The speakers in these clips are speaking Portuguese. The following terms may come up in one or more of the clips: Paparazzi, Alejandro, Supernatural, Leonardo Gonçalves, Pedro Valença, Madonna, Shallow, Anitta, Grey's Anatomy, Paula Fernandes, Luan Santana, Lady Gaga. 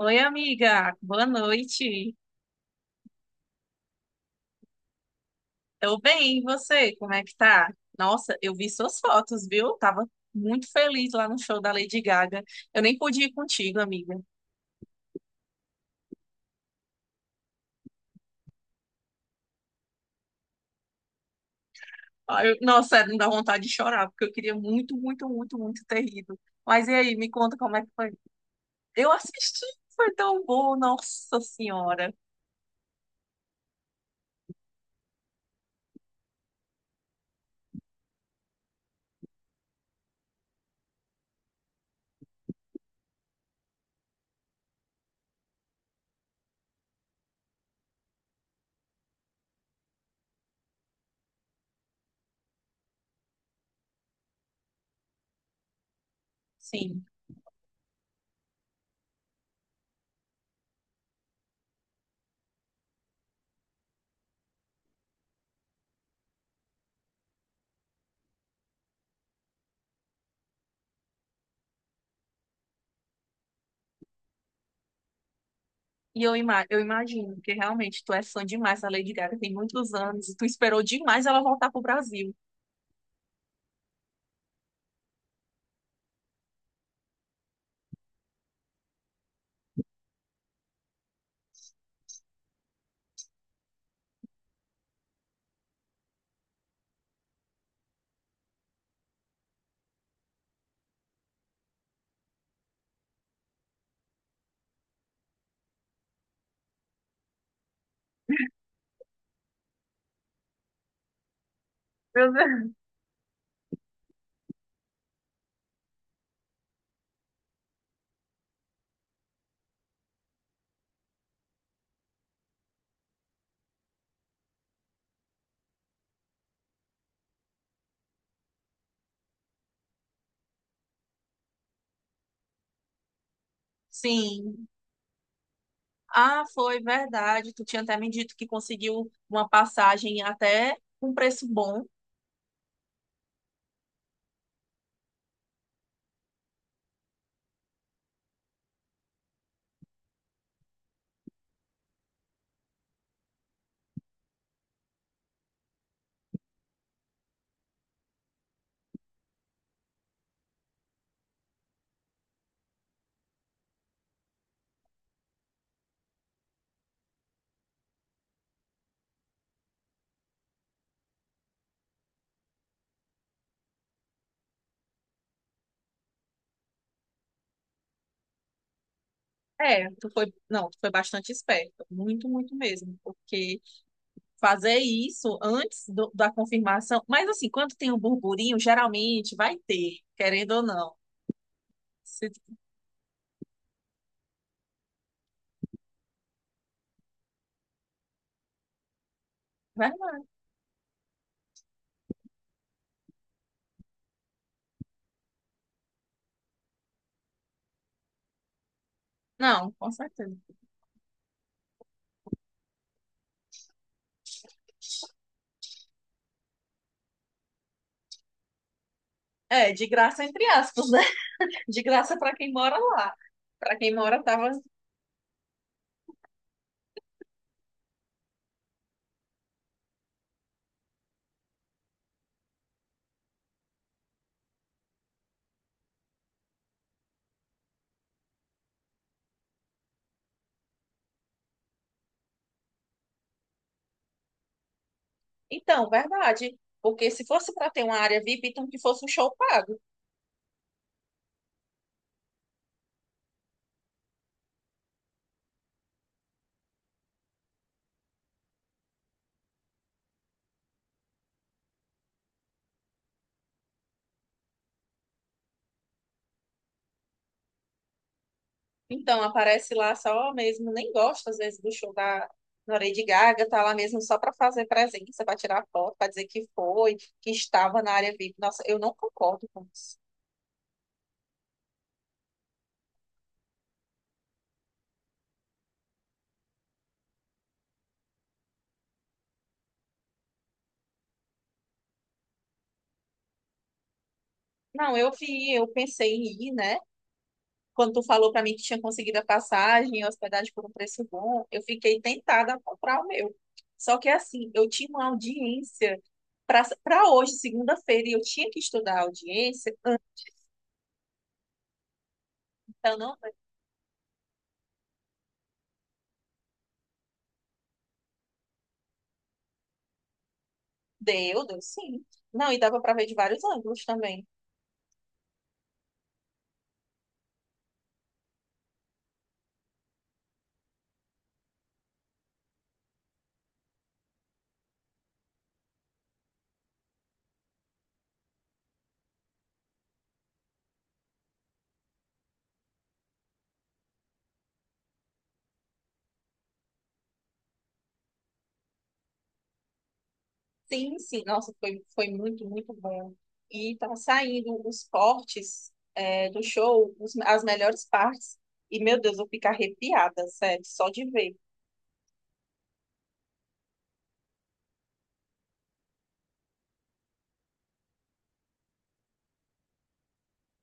Oi, amiga, boa noite. Tô bem, e você? Como é que tá? Nossa, eu vi suas fotos, viu? Tava muito feliz lá no show da Lady Gaga. Eu nem pude ir contigo, amiga. Ai, nossa, sério, me dá vontade de chorar, porque eu queria muito, muito, muito, muito ter ido. Mas e aí, me conta como é que foi? Eu assisti, foi tão bom, nossa senhora. Sim. E eu imagino, porque realmente tu é fã demais da Lady Gaga, tem muitos anos, e tu esperou demais ela voltar pro Brasil. Meu Deus. Sim. Ah, foi verdade. Tu tinha até me dito que conseguiu uma passagem até um preço bom. É, tu foi, não, tu foi bastante esperta, muito, muito mesmo, porque fazer isso antes da confirmação. Mas assim, quando tem um burburinho, geralmente vai ter, querendo ou não. Se- vai- Não, com certeza. É, de graça entre aspas, né? De graça para quem mora lá. Para quem mora tava. Então, verdade. Porque se fosse para ter uma área VIP, então que fosse um show pago. Então, aparece lá só mesmo, nem gosta às vezes do show da Lady Gaga, tá lá mesmo só para fazer presença, para tirar foto, para dizer que foi, que estava na área VIP. Nossa, eu não concordo com isso. Não, eu vi, eu pensei em ir, né? Quando tu falou pra mim que tinha conseguido a passagem, a hospedagem por um preço bom, eu fiquei tentada a comprar o meu. Só que assim, eu tinha uma audiência para hoje, segunda-feira, e eu tinha que estudar a audiência, então não deu, deu sim. Não, e dava para ver de vários ângulos também. Sim, sim, nossa, foi muito, muito bom. E tá saindo os cortes do show, as melhores partes. E, meu Deus, eu fico arrepiada, sério, só de ver.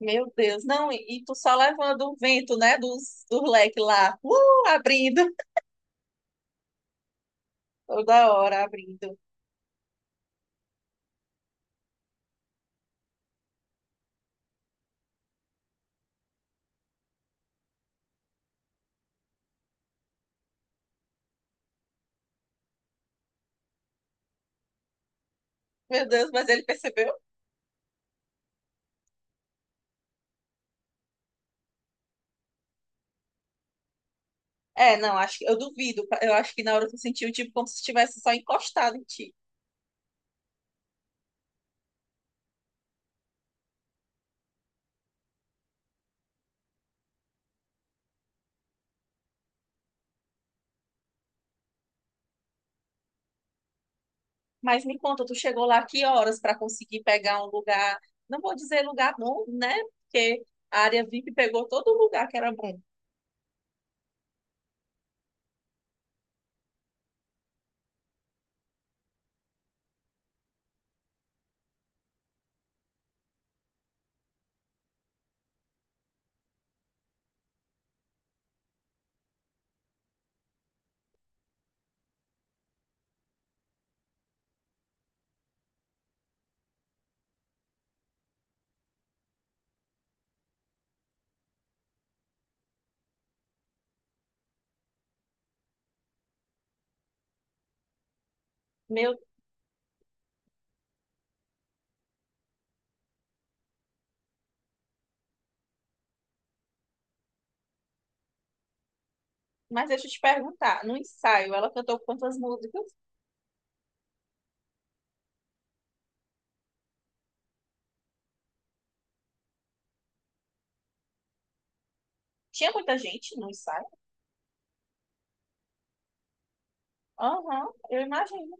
Meu Deus, não, e tu só levando o vento, né, do leque lá, abrindo, toda hora abrindo. Meu Deus, mas ele percebeu? É, não, acho que eu duvido, eu acho que na hora tu sentiu tipo como se estivesse só encostado em ti. Mas me conta, tu chegou lá que horas para conseguir pegar um lugar, não vou dizer lugar bom, né, porque a área VIP pegou todo lugar que era bom. Meu, mas deixa eu te perguntar, no ensaio ela cantou quantas músicas? Tinha muita gente no ensaio? Aham, eu imagino.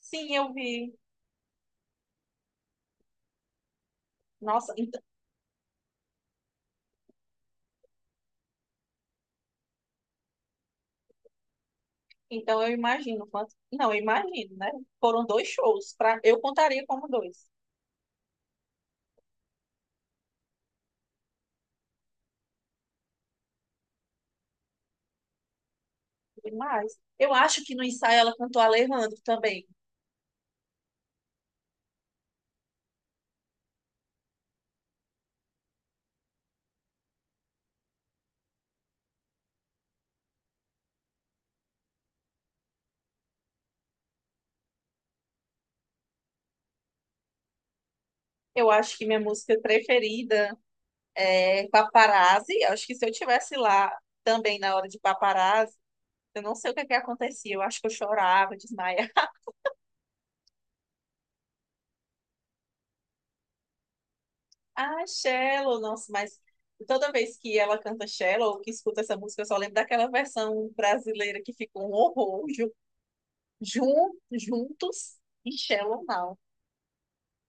Sim, eu vi. Nossa, então, então eu imagino quanto. Não, eu imagino, né? Foram dois shows. Pra... eu contaria como dois. Demais. Eu acho que no ensaio ela cantou Alejandro também. Eu acho que minha música preferida é Paparazzi. Eu acho que se eu tivesse lá também na hora de Paparazzi, eu não sei o que é que acontecia. Eu acho que eu chorava, desmaia. Ah, Shallow, nossa, mas toda vez que ela canta Shallow, ou que escuta essa música, eu só lembro daquela versão brasileira que ficou um horror, juntos e Shallow Now.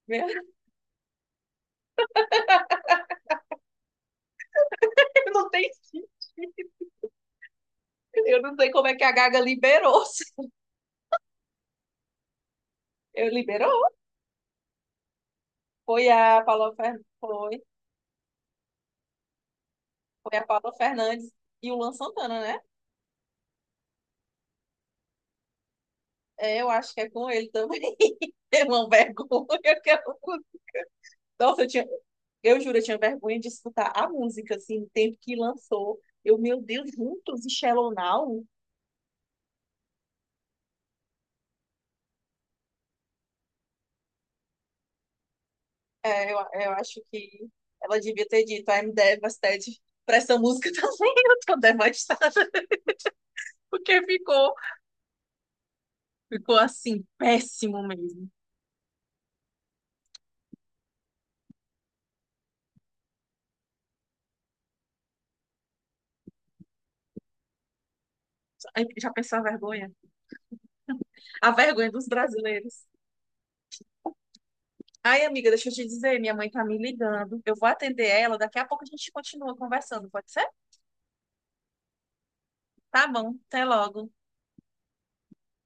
Meu, não tem sentido. Eu não sei como é que a Gaga liberou. Eu liberou. Foi. Foi a Paula Fernandes e o Luan Santana, né? É, eu acho que é com ele também. É uma vergonha que eu... Nossa, eu tinha... eu juro, eu tinha vergonha de escutar a música, assim, no tempo que lançou. Eu, meu Deus, juntos e Shallow Now? É, eu acho que ela devia ter dito I'm devastated pra essa música também. Eu tô devastada. Porque ficou, ficou assim, péssimo mesmo. Ai, já pensou a vergonha? A vergonha dos brasileiros. Ai, amiga, deixa eu te dizer, minha mãe tá me ligando. Eu vou atender ela, daqui a pouco a gente continua conversando, pode ser? Tá bom, até logo.